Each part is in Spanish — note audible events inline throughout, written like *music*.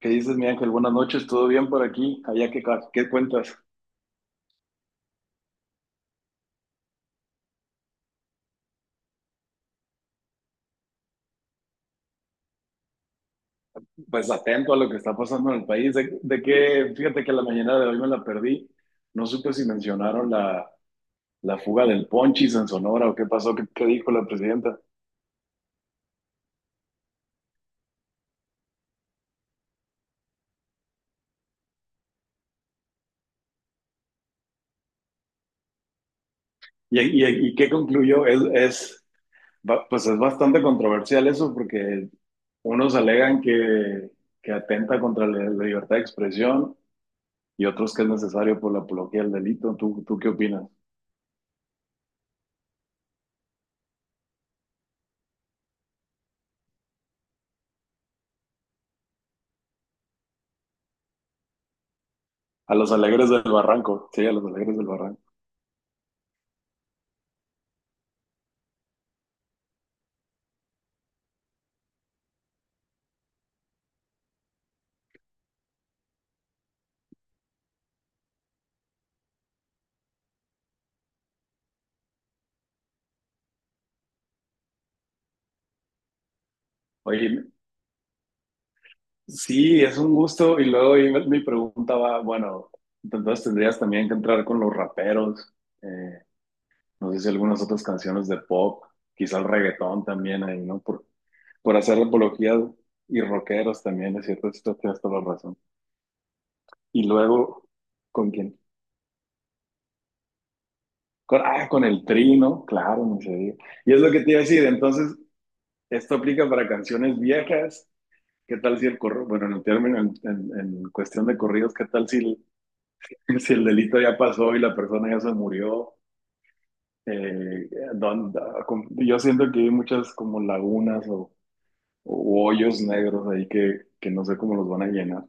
¿Qué dices, mi Ángel? Buenas noches, ¿todo bien por aquí? ¿Allá qué, qué cuentas? Pues atento a lo que está pasando en el país. Fíjate que la mañana de hoy me la perdí. No supe si mencionaron la fuga del Ponchis en Sonora o qué pasó, qué dijo la presidenta. ¿Y, y, y qué concluyó? Pues es bastante controversial eso porque unos alegan que atenta contra la libertad de expresión y otros que es necesario por la apología del delito. ¿Tú qué opinas? A los Alegres del Barranco, sí, a los Alegres del Barranco. Oye, sí, es un gusto. Y luego ahí mi pregunta va, bueno, entonces tendrías también que entrar con los raperos, eh, no sé si algunas otras canciones de pop, quizá el reggaetón también ahí, ¿no? Por hacer apología y rockeros también, es cierto, esto tienes toda la razón. Y luego, ¿con quién? Con el Tri, ¿no? Claro, no se diga. Y es lo que te iba a decir, entonces, esto aplica para canciones viejas. ¿Qué tal si en el término, en cuestión de corridos, qué tal si el delito ya pasó y la persona ya se murió? Eh, yo siento que hay muchas como lagunas o hoyos negros ahí que no sé cómo los van a llenar.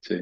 Sí.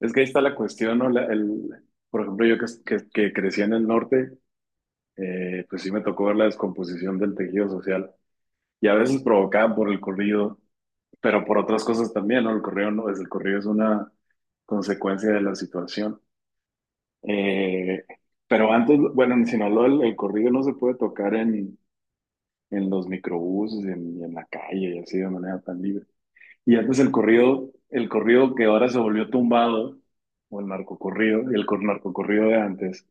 Es que ahí está la cuestión, ¿no? Por ejemplo, yo que crecí en el norte, pues sí me tocó ver la descomposición del tejido social y a veces provocada por el corrido, pero por otras cosas también, ¿no? El correo no es, el correo es una consecuencia de la situación. Eh, pero antes, bueno, en Sinaloa el corrido no se puede tocar en los microbuses, en la calle y así de manera tan libre. Y antes el corrido que ahora se volvió tumbado, o el narcocorrido, narcocorrido de antes,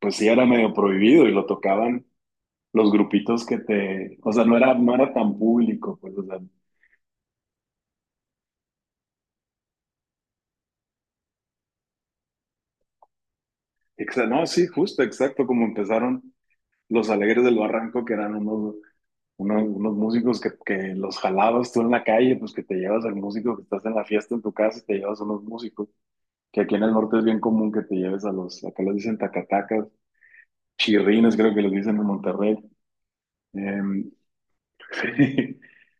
pues sí era medio prohibido y lo tocaban los grupitos que te, o sea, no era tan público, pues, o sea, no, sí, justo, exacto, como empezaron los Alegres del Barranco, que eran unos músicos que los jalabas tú en la calle, pues que te llevas al músico que estás en la fiesta en tu casa y te llevas a unos músicos, que aquí en el norte es bien común que te lleves a los, acá les dicen tacatacas, chirrines creo que les dicen en Monterrey. Em,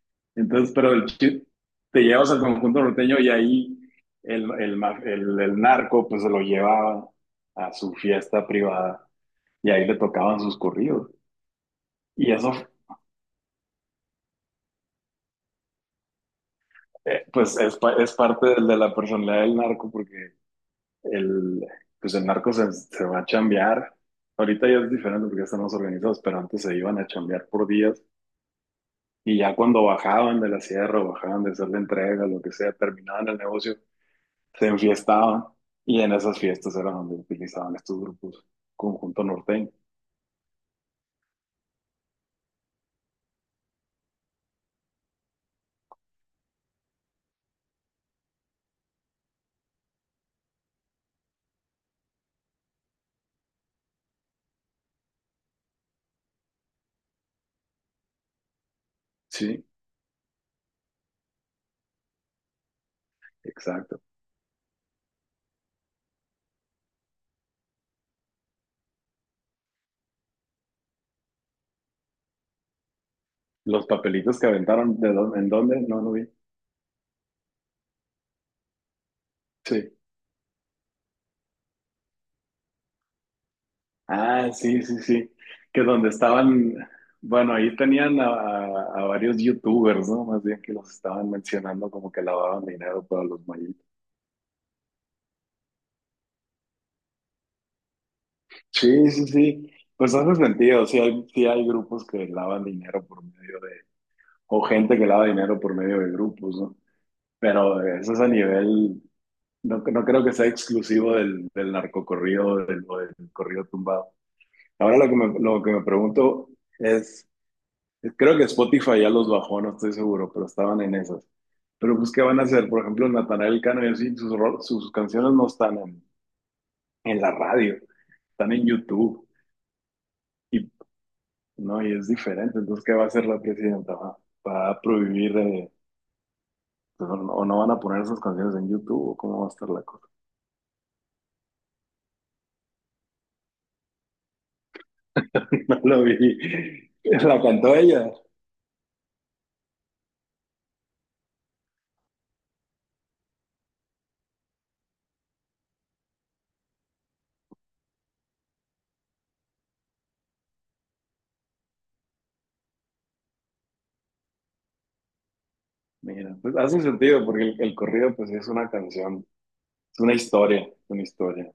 *laughs* Entonces, pero te llevas al conjunto norteño y ahí el narco pues se lo llevaba a su fiesta privada y ahí le tocaban sus corridos. Y eso, pues es parte de la personalidad del narco porque el, pues el narco se va a chambear. Ahorita ya es diferente porque ya están más organizados, pero antes se iban a chambear por días y ya cuando bajaban de la sierra o bajaban de hacer la entrega, lo que sea, terminaban el negocio, se enfiestaban y en esas fiestas era donde utilizaban estos grupos, conjunto norteño. Sí, exacto. Los papelitos que aventaron, ¿de dónde? ¿En dónde? No, no vi. Sí. Ah, sí, sí, sí. Que donde estaban, bueno, ahí tenían a varios youtubers, ¿no? Más bien que los estaban mencionando como que lavaban dinero para los mayitos. Sí, sí, sí. Pues hace sentido. Sí hay grupos que lavan dinero por medio de, o gente que lava dinero por medio de grupos, ¿no? Pero eso es a nivel, no creo que sea exclusivo del narcocorrido o del corrido tumbado. Ahora lo que me pregunto es. Creo que Spotify ya los bajó, no estoy seguro, pero estaban en esas. Pero pues, ¿qué van a hacer? Por ejemplo, Natanael Cano y así, sus canciones no están en la radio, están en YouTube. Y, no, y es diferente. Entonces, ¿qué va a hacer la presidenta? ¿Va a prohibir, pues, o no van a poner esas canciones en YouTube? ¿O cómo va a estar la cosa? *laughs* No lo vi. La cantó ella. Mira, pues hace sentido, porque el corrido, pues, es una canción, es una historia, una historia.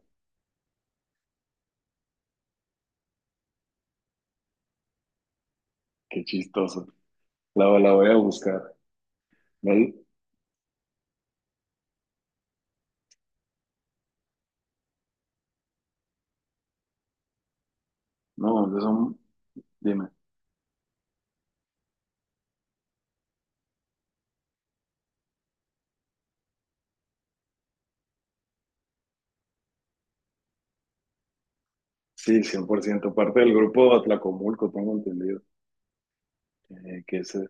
Qué chistoso. La voy a buscar. No, no, dime. Sí, 100%. Parte del grupo Atlacomulco, tengo entendido, que es el,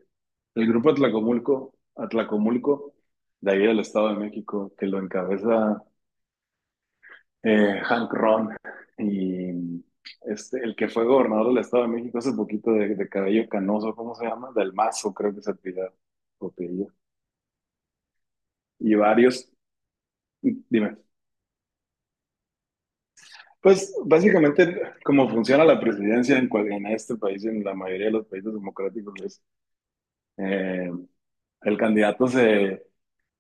el grupo Atlacomulco, Atlacomulco, de ahí del Estado de México, que lo encabeza, Hank Ron. Y este, el que fue gobernador del Estado de México hace poquito, de cabello canoso, ¿cómo se llama? Del Mazo, creo que se apellida. O apellida. Y varios. Dime. Pues básicamente, como funciona la presidencia en, en este país, en la mayoría de los países democráticos, Eh, el candidato se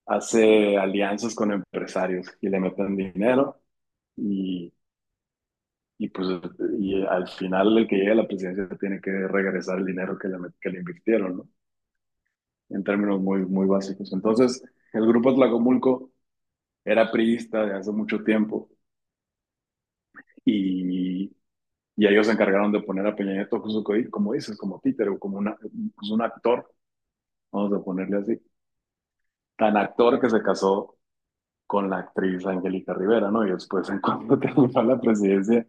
hace alianzas con empresarios y le meten dinero y, y pues al final el que llegue a la presidencia tiene que regresar el dinero que le invirtieron, ¿no? En términos muy, muy básicos. Entonces, el grupo Tlacomulco era priista de hace mucho tiempo y, y ellos se encargaron de poner a Peña Nieto, justo como dices, como títere o como una, pues un actor, vamos a ponerle así, tan actor que se casó con la actriz Angélica Rivera, ¿no? Y después, en *laughs* cuanto terminó la presidencia,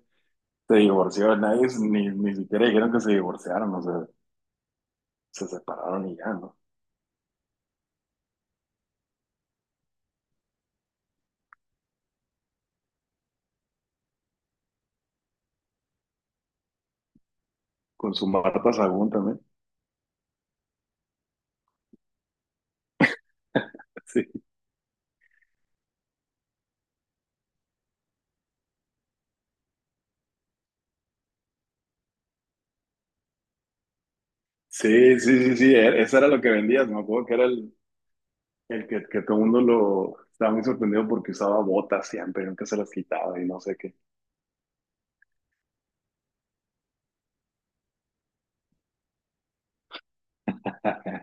se divorció. Nadie, ni siquiera dijeron que se divorciaron, o sea, se separaron y ya, ¿no? Con su Marta Sagún también. *laughs* Sí, sí, sí, sí, sí, eso era lo que vendías, me acuerdo que era el que todo el mundo lo estaba muy sorprendido porque usaba botas siempre, nunca se las quitaba y no sé qué. *laughs*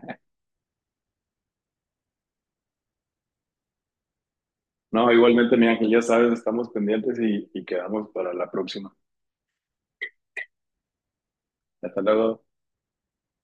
No, igualmente, mi Ángel, ya sabes, estamos pendientes y quedamos para la próxima. Hasta luego.